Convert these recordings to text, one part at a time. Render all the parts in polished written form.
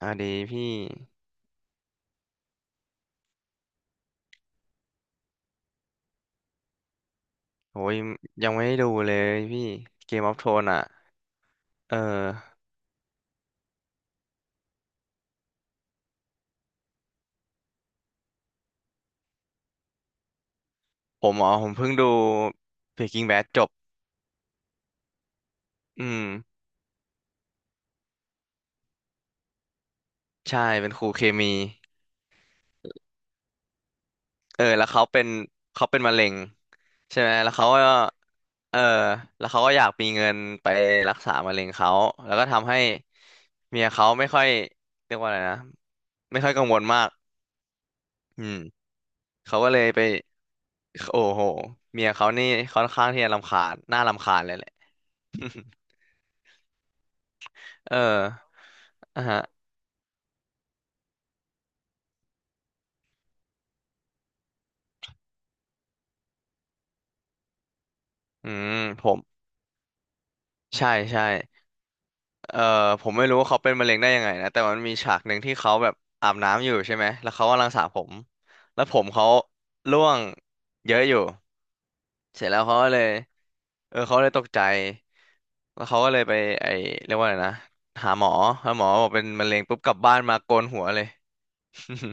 อ่ะดีพี่โอ้ยยังไม่ได้ดูเลยพี่ Game of Thrones อ่ะเออผมเพิ่งดู Breaking Bad จบอืมใช่เป็นครูเคมีเออแล้วเขาเป็นมะเร็งใช่ไหมแล้วเขาก็เออแล้วเขาก็อยากมีเงินไปรักษามะเร็งเขาแล้วก็ทำให้เมียเขาไม่ค่อยเรียกว่าอะไรนะไม่ค่อยกังวลมากอืมเขาก็เลยไปโอ้โหเมียเขานี่ค่อนข้างที่จะรำคาญน่ารำคาญเลยแหละ เอออ่ะฮะ อืมผมใช่ใช่เออผมไม่รู้ว่าเขาเป็นมะเร็งได้ยังไงนะแต่มันมีฉากหนึ่งที่เขาแบบอาบน้ำอยู่ใช่ไหมแล้วเขากำลังสระผมแล้วผมเขาร่วงเยอะอยู่เสร็จแล้วเขาเลยตกใจแล้วเขาก็เลยไปไอเรียกว่าอะไรนะหาหมอแล้วหมอบอกเป็นมะเร็งปุ๊บกลับบ้านมาโกนหัวเลย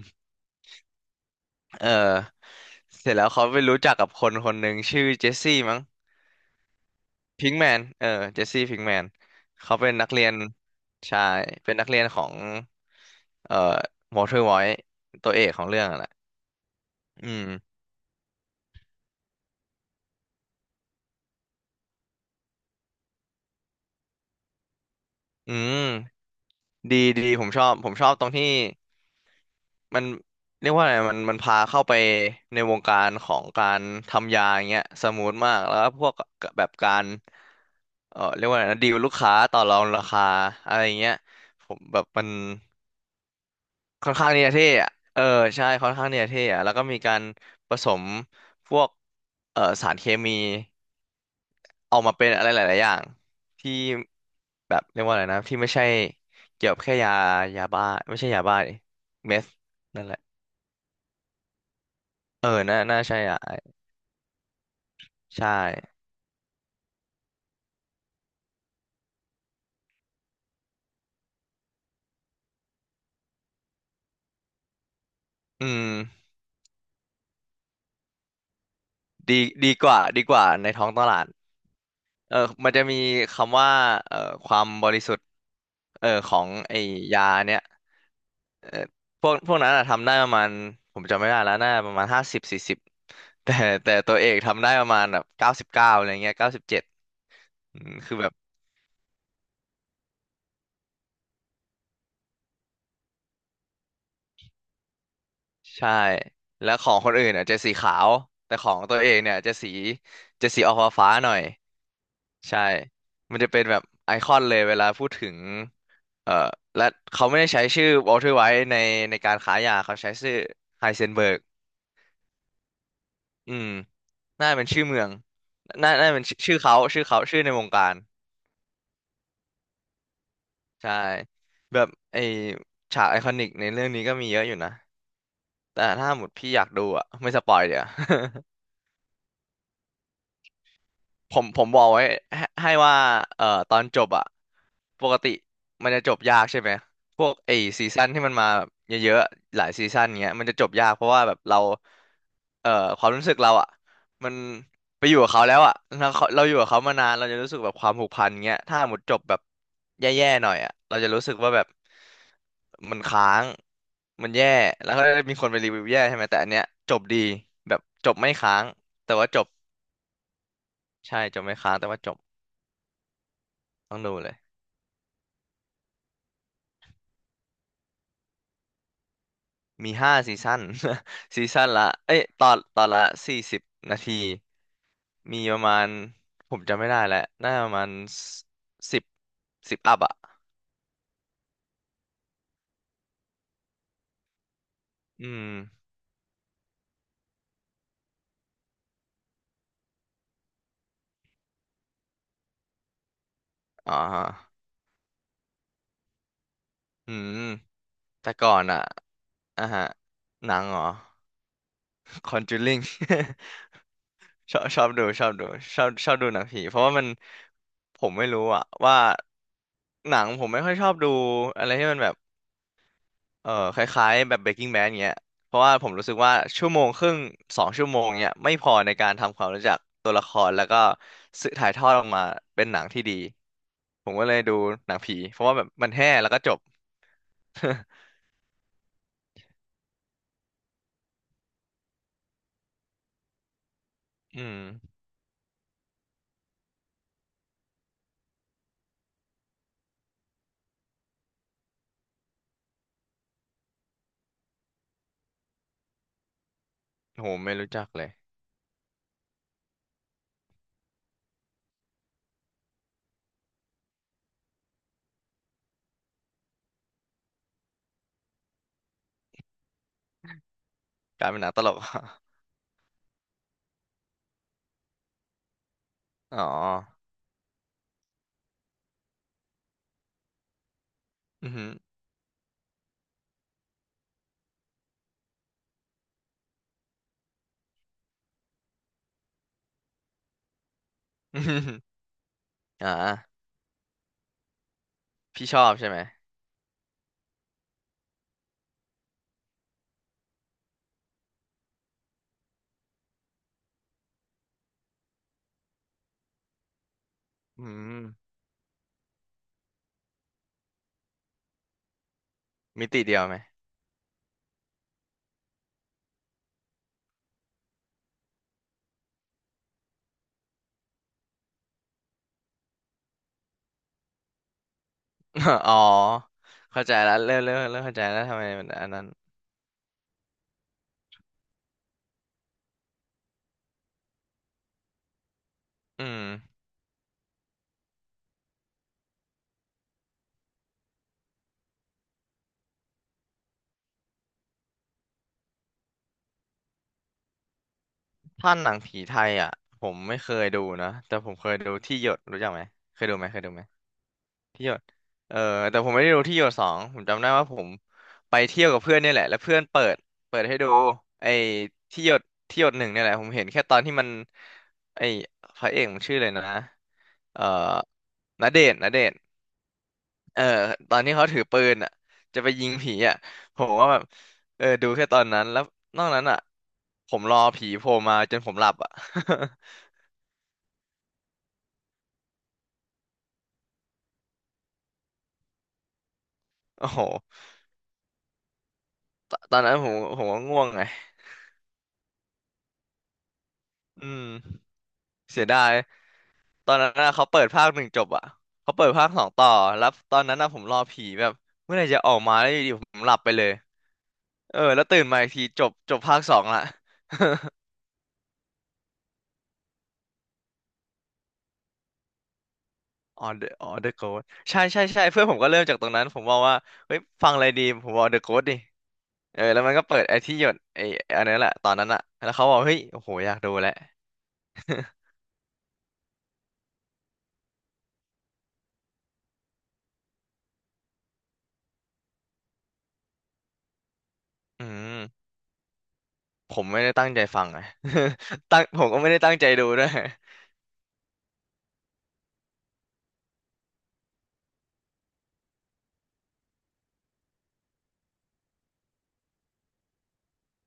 เออเสร็จแล้วเขาไปรู้จักกับคนคนหนึ่งชื่อเจสซี่มั้ง พิงแมนเจสซี่พิงแมนเขาเป็นนักเรียนใชายเป็นนักเรียนของเอ่อวอเตอร์ไวท์ตัวเอกของเรื่องอะแหละอืมอืม ดีดีผมชอบตรงที่มันเรียกว่าอะไรมันพาเข้าไปในวงการของการทำยาอย่างเงี้ยสมูทมากแล้วก็พวกแบบการเรียกว่าอะไรนะดีลลูกค้าต่อรองราคาอะไรอย่างเงี้ยผมแบบมัน ค่อนข้างเนี่จะเท่อะเออใช่ค่อนข้างเนี่จะเท่อะแล้วก็มีการผสมพวกสารเคมีออกมาเป็นอะไรหลายๆอย่างที่แบบเรียกว่าอะไรนะที่ไม่ใช่เกี่ยวกับแค่ยายาบ้าไม่ใช่ยาบ้าดิเมส นั่นแหละเออน่าใช่อ่ะใช่ อืมดีกว่าในท้องตลาดเออมันจะมีคำว่าเอ่อความบริสุทธิ์เออของไอ้ยาเนี้ย เออพวกนั้นอะทำได้ประมาณผมจำไม่ได้แล้วน่าประมาณ50สี่สิบ แต่แต่ตัวเอกทำได้ประมาณแบบ99อะไรเงี้ย97อืมคือแบบใช่ แล้วของคนอื่นอะจะสีขาว แต่ของตัวเองเนี่ยจะสีจะสีออกฟ้าๆหน่อยใช่มันจะเป็นแบบไอคอนเลยเวลาพูดถึงเอ่อและเขาไม่ได้ใช้ชื่อวอลเทอร์ไวท์ในการขายยาเขาใช้ชื่อไฮเซนเบิร์กอืมน่าเป็นชื่อเมือง น่าน่าเป็นชื่อชื่อเขาชื่อเขาชื่อในวงการ ใช่แบบไอฉากไอคอนิกในเรื่องนี้ก็มีเยอะอยู่นะแต่ถ้าหมดพี่อยากดูอ่ะไม่สปอยเดี๋ยว ผมบอกไว้ให้ว่าตอนจบอะปกติมันจะจบยากใช่ไหมพวกไอ้ซีซั่นที่มันมาแบบเยอะๆหลายซีซั่นเงี้ยมันจะจบยากเพราะว่าแบบเราเอ่อความรู้สึกเราอะมันไปอยู่กับเขาแล้วอะเราอยู่กับเขามานานเราจะรู้สึกแบบความผูกพันเงี้ยถ้าหมดจบแบบแย่ๆหน่อยอะเราจะรู้สึกว่าแบบมันค้างมันแย่แล้วก็มีคนไปรีวิวแย่ใช่ไหมแต่อันเนี้ยจบดีแบบจบไม่ค้างแต่ว่าจบใช่จบไม่ค้างแต่ว่าจบ ต้องดูเลยมีห้าซีซั่น ซีซั่น ละเอ้ยตอนละสี่สิบนาทีมีประมาณ ผมจำไม่ได้แล้วน่าจะประมาณสิบ10+อ่ะ อืมอ๋อฮะอืมแต่ก่อนอ่ะ อ่ะฮะ หนังเหรอ Conjuring ชอบชอบดูชอบดูชอบชอบดูหนังผีเพราะว่ามัน ผมไม่รู้อะว่าหนังผมไม่ค่อยชอบดูอะไรที่มันแบบ เออคล้ายๆแบบ Breaking Bad เงี้ยเพราะว่าผมรู้สึกว่าชั่วโมงครึ่ง2ชั่วโมงเนี่ยไม่พอในการทำความรู้จักตัวละครแล้วก็สื่อถ่ายทอดออกมาเป็นหนังที่ดีผมก็เลยดูหนังผีเพราะว่าแบบมันแห้แล้วก็จบ อืมโหไม่รู้จักเลยกลายเป็นหนังตลก อ๋ออือหือ อือหืออ่าพี่ชอบใช่ไหมอืมมิติเดียวไหม อ๋อเข้าใจแล้วเริ่มเข้าใจแล้วทำไมมันอันนั้นอืม ถ้าหนังผีไทยอ่ะผมไม่เคยดูนะแต่ผมเคยดูที่หยดรู้จักไหมเคยดูไหมเคยดูไหมที่หยดเออแต่ผมไม่ได้ดูที่หยดสองผมจำได้ว่าผมไปเที่ยวกับเพื่อนเนี่ยแหละแล้วเพื่อนเปิดให้ดูไอ้ที่หยดที่หยดหนึ่งเนี่ยแหละผมเห็นแค่ตอนที่มันไอ้พระเอกมันชื่อเลยนะเอ่อณเดชน์ณเดชน์เออตอนที่เขาถือปืนอ่ะจะไปยิงผีอ่ะผมว่าแบบเออดูแค่ตอนนั้นแล้วนอกนั้นอ่ะผมรอผีโผล่มาจนผมหลับอ่ะ โอ้โหตอนนั้นผมก็ง่วงไงอืม เสียดายตอนนั้นน่ะเขาเปิดภาคหนึ่งจบอ่ะเขาเปิดภาคสองต่อ แล้วตอนนั้นน่ะผมรอผีแบบเมื่อไหร่จะออกมาแล้วอยู่ดีผมหลับไปเลย เออ แล้วตื่นมาอีกทีจบจบภาคสองละอ๋อเดอะโกสใช่ใช่ใช่เพื่อนผมก็เริ่มจากตรงนั้นผมบอกว่าเฮ้ยฟังอะไรดีผมบอกเดอะโกสดิเออแล้วมันก็เปิดไอ้ที่หยดอันนั้นแหละตอนนั้นอ่ะแล้วเขาบอกเฮ้ยโอ้โหอยากดูแหละ อืมผมไม่ได้ตั้งใจฟังไง ผมก็ไม่ได้ตั้งใจดูด้วย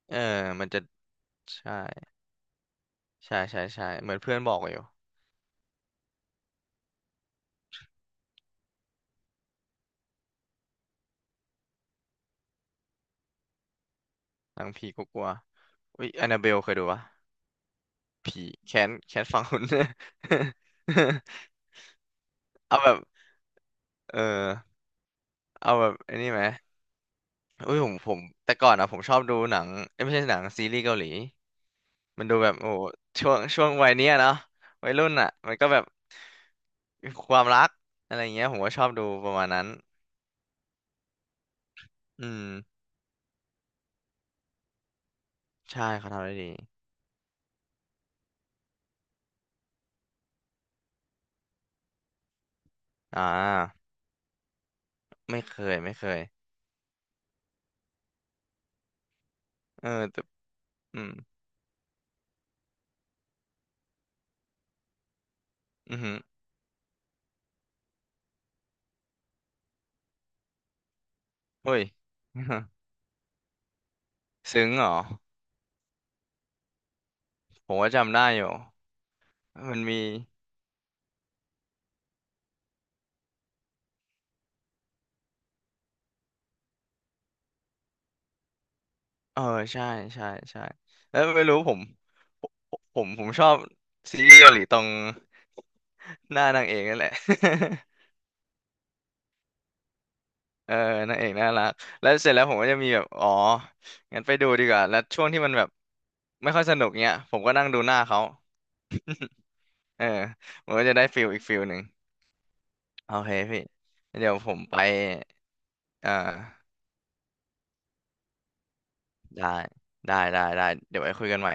เออมันจะใช่ใช่ใช่ใช่เหมือนเพื่อนบอกอยู่หนังผีกลัวๆอุ้ยแอนนาเบลเคยดูปะผีแค้นแค้นฝังหุ่น เอาแบบเออเอาแบบไอันนี้ไหมอุ้ยผมแต่ก่อนอะผมชอบดูหนังเอ้ยไม่ใช่หนังซีรีส์เกาหลีมันดูแบบโอ้โหช่วงวัยเนี้ยเนาะวัยรุ่นอะมันก็แบบความรักอะไรอย่างเงี้ยผมก็ชอบดูประมาณนั้นอืมใช่เขาทำได้ดีอ่าไม่เคยไม่เคยเออแต่อืมอืม เฮ้ย ซึ้งเหรอผมว่าจำได้อยู่มันมีเออใช่ใช่ใช่แล้วไม่รู้ผมผมชอบซีรีส์เกาหลีตรง หน้านางเอกนั่นแหละ เออนางเอกน่ารักแล้วเสร็จแล้วผมก็จะมีแบบอ๋องั้นไปดูดีกว่าแล้วช่วงที่มันแบบไม่ค่อยสนุกเนี้ยผมก็นั่งดูหน้าเขาเออผมก็จะได้ฟิลอีกฟิลหนึ่งโอเคพี่เดี๋ยวผมไปเออได้ได้ได้ได้เดี๋ยวไว้คุยกันใหม่